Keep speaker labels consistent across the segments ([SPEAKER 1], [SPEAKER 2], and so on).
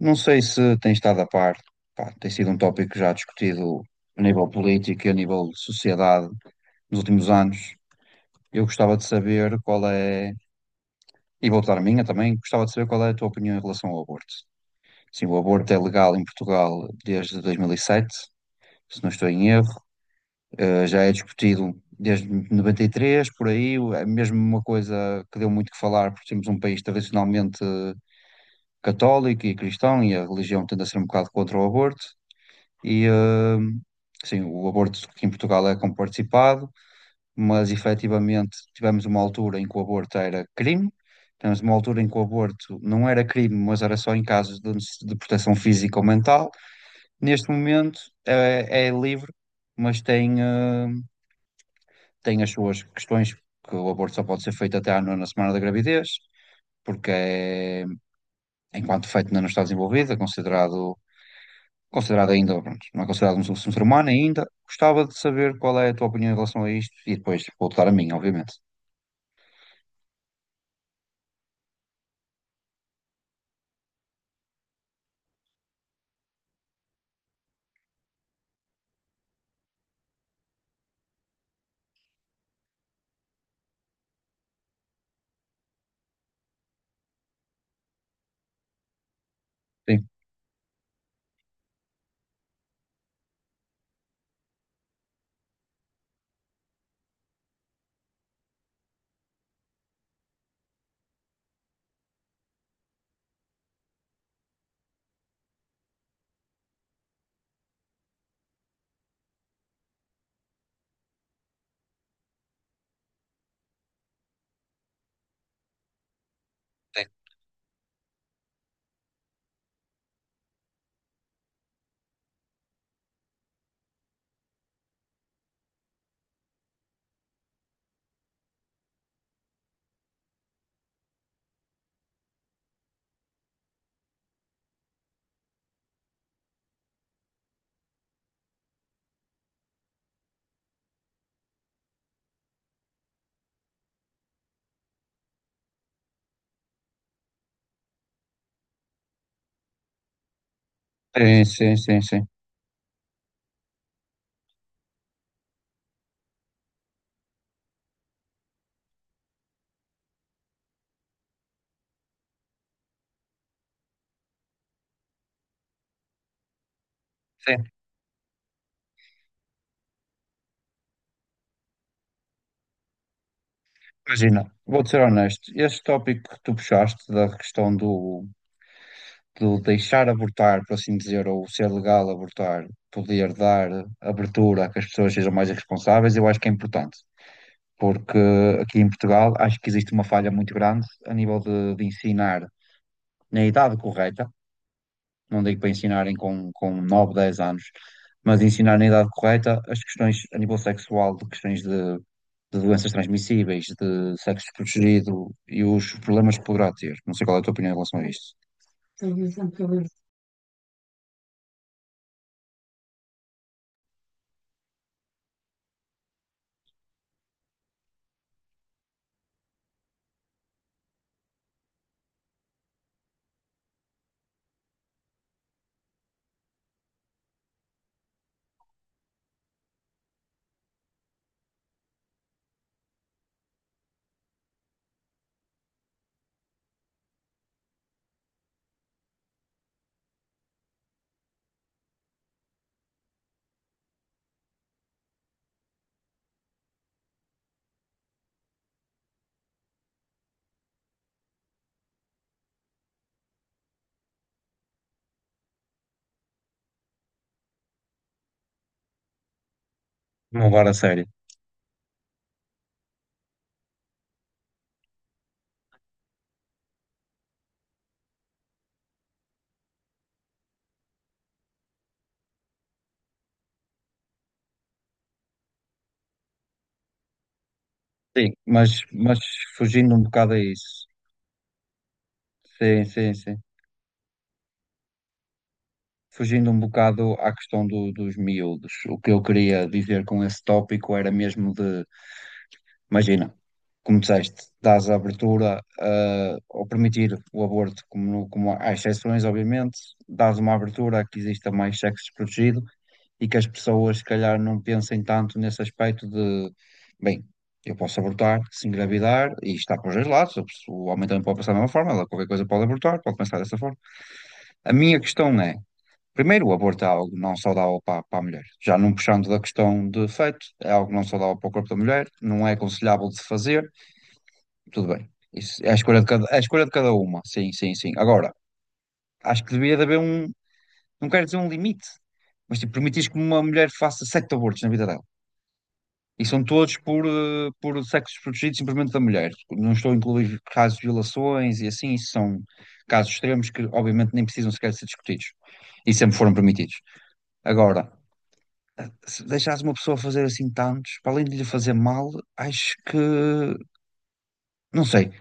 [SPEAKER 1] Não sei se tem estado a par, pá, tem sido um tópico já discutido a nível político e a nível de sociedade nos últimos anos. Eu gostava de saber qual é, e vou dar a minha também, gostava de saber qual é a tua opinião em relação ao aborto. Sim, o aborto é legal em Portugal desde 2007, se não estou em erro. Já é discutido desde 93, por aí. É mesmo uma coisa que deu muito que falar, porque temos um país tradicionalmente católico e cristão e a religião tende a ser um bocado contra o aborto. E, sim, o aborto aqui em Portugal é como participado, mas efetivamente tivemos uma altura em que o aborto era crime, tivemos uma altura em que o aborto não era crime, mas era só em casos de, de proteção física ou mental. Neste momento é livre, mas tem, tem as suas questões, que o aborto só pode ser feito até à nona semana da gravidez, porque é, enquanto feito ainda não está desenvolvido, é considerado ainda, pronto, não é considerado um ser humano ainda. Gostava de saber qual é a tua opinião em relação a isto e depois vou dar a minha, obviamente. Sim, sim, sim, sim, sim. Sim. Imagina, vou-te ser honesto, este tópico que tu puxaste da questão do deixar abortar, por assim dizer, ou ser legal abortar, poder dar abertura a que as pessoas sejam mais responsáveis, eu acho que é importante. Porque aqui em Portugal acho que existe uma falha muito grande a nível de ensinar na idade correta, não digo para ensinarem com 9 10 anos, mas ensinar na idade correta as questões a nível sexual, de questões de doenças transmissíveis, de sexo desprotegido e os problemas que poderá ter. Não sei qual é a tua opinião em relação a isto. Não levar a sério. Sim, mas fugindo um bocado a isso. Sim, sim, sim. Fugindo um bocado à questão dos miúdos. O que eu queria dizer com esse tópico era mesmo de imagina, como disseste, dás a abertura ah, ao permitir o aborto, como, como há exceções, obviamente, dás uma abertura a que exista mais sexo desprotegido e que as pessoas, se calhar, não pensem tanto nesse aspecto de, bem, eu posso abortar se engravidar e está para os dois lados, o o homem também pode pensar da mesma forma, ela qualquer coisa pode abortar, pode pensar dessa forma. A minha questão é, primeiro, o aborto é algo não saudável para a mulher, já não puxando da questão de feto, é algo não saudável para o corpo da mulher, não é aconselhável de se fazer, tudo bem. Isso é a escolha de cada, é a escolha de cada uma. Sim, sim, sim. Agora, acho que devia de haver não quero dizer um limite, mas tipo, permitires que uma mulher faça sete abortos na vida dela. E são todos por, por sexos protegidos simplesmente da mulher. Não estou a incluir casos de violações e assim, isso são casos extremos que obviamente nem precisam sequer ser discutidos. E sempre foram permitidos. Agora, se deixares uma pessoa fazer assim tantos, para além de lhe fazer mal, acho que, não sei,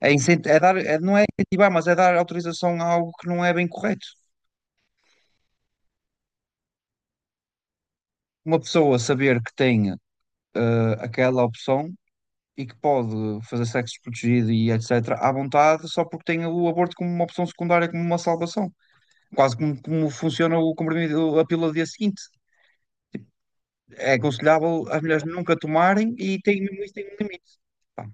[SPEAKER 1] é, é dar, não é incentivar, mas é dar autorização a algo que não é bem correto. Uma pessoa saber que tem aquela opção e que pode fazer sexo protegido e etc. à vontade só porque tem o aborto como uma opção secundária, como uma salvação. Quase como, como funciona o comprimido, a pílula do dia seguinte. É aconselhável as mulheres nunca tomarem e tem, mesmo isso tem um limite. Pá,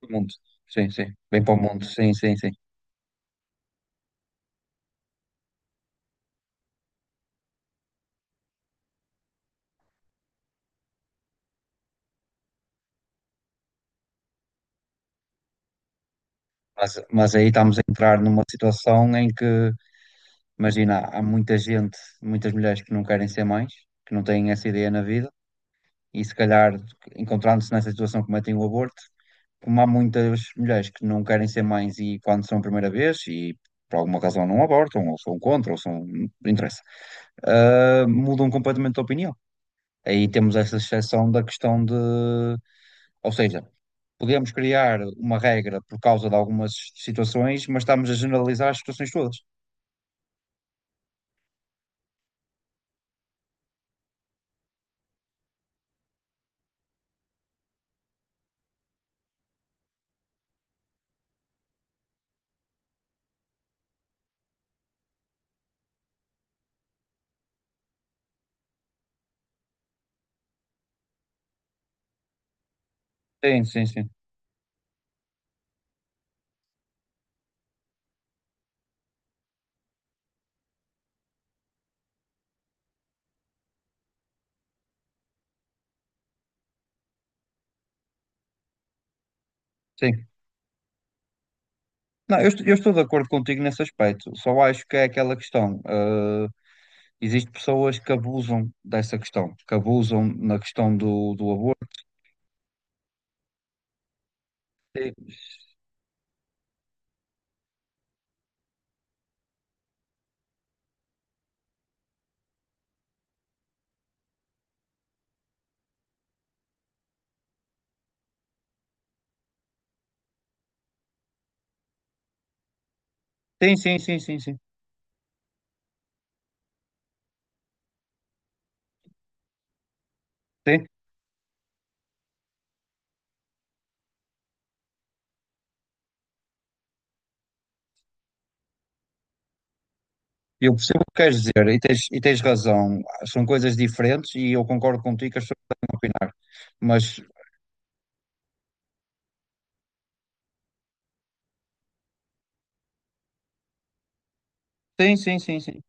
[SPEAKER 1] para o mundo. Sim, sim. Bem para o mundo. Sim, sim, sim. Mas aí estamos a entrar numa situação em que imagina, há há muita gente, muitas mulheres que não querem ser mães, que não têm essa ideia na vida, e se calhar, encontrando-se nessa situação, cometem o aborto. Como há muitas mulheres que não querem ser mães e quando são a primeira vez, e por alguma razão não abortam, ou são contra, ou são. Não interessa. Ah, mudam completamente de opinião. Aí temos essa exceção da questão de. Ou seja, podemos criar uma regra por causa de algumas situações, mas estamos a generalizar as situações todas. Sim, sim, sim. Sim. Não, eu, eu estou de acordo contigo nesse aspecto. Só acho que é aquela questão. Existem pessoas que abusam dessa questão, que abusam na questão do aborto. Sim, sim, sim, sim, sim. Sim. Eu percebo o que queres dizer e tens razão. São coisas diferentes e eu concordo contigo que as pessoas- Mas sim, sim, sim, sim.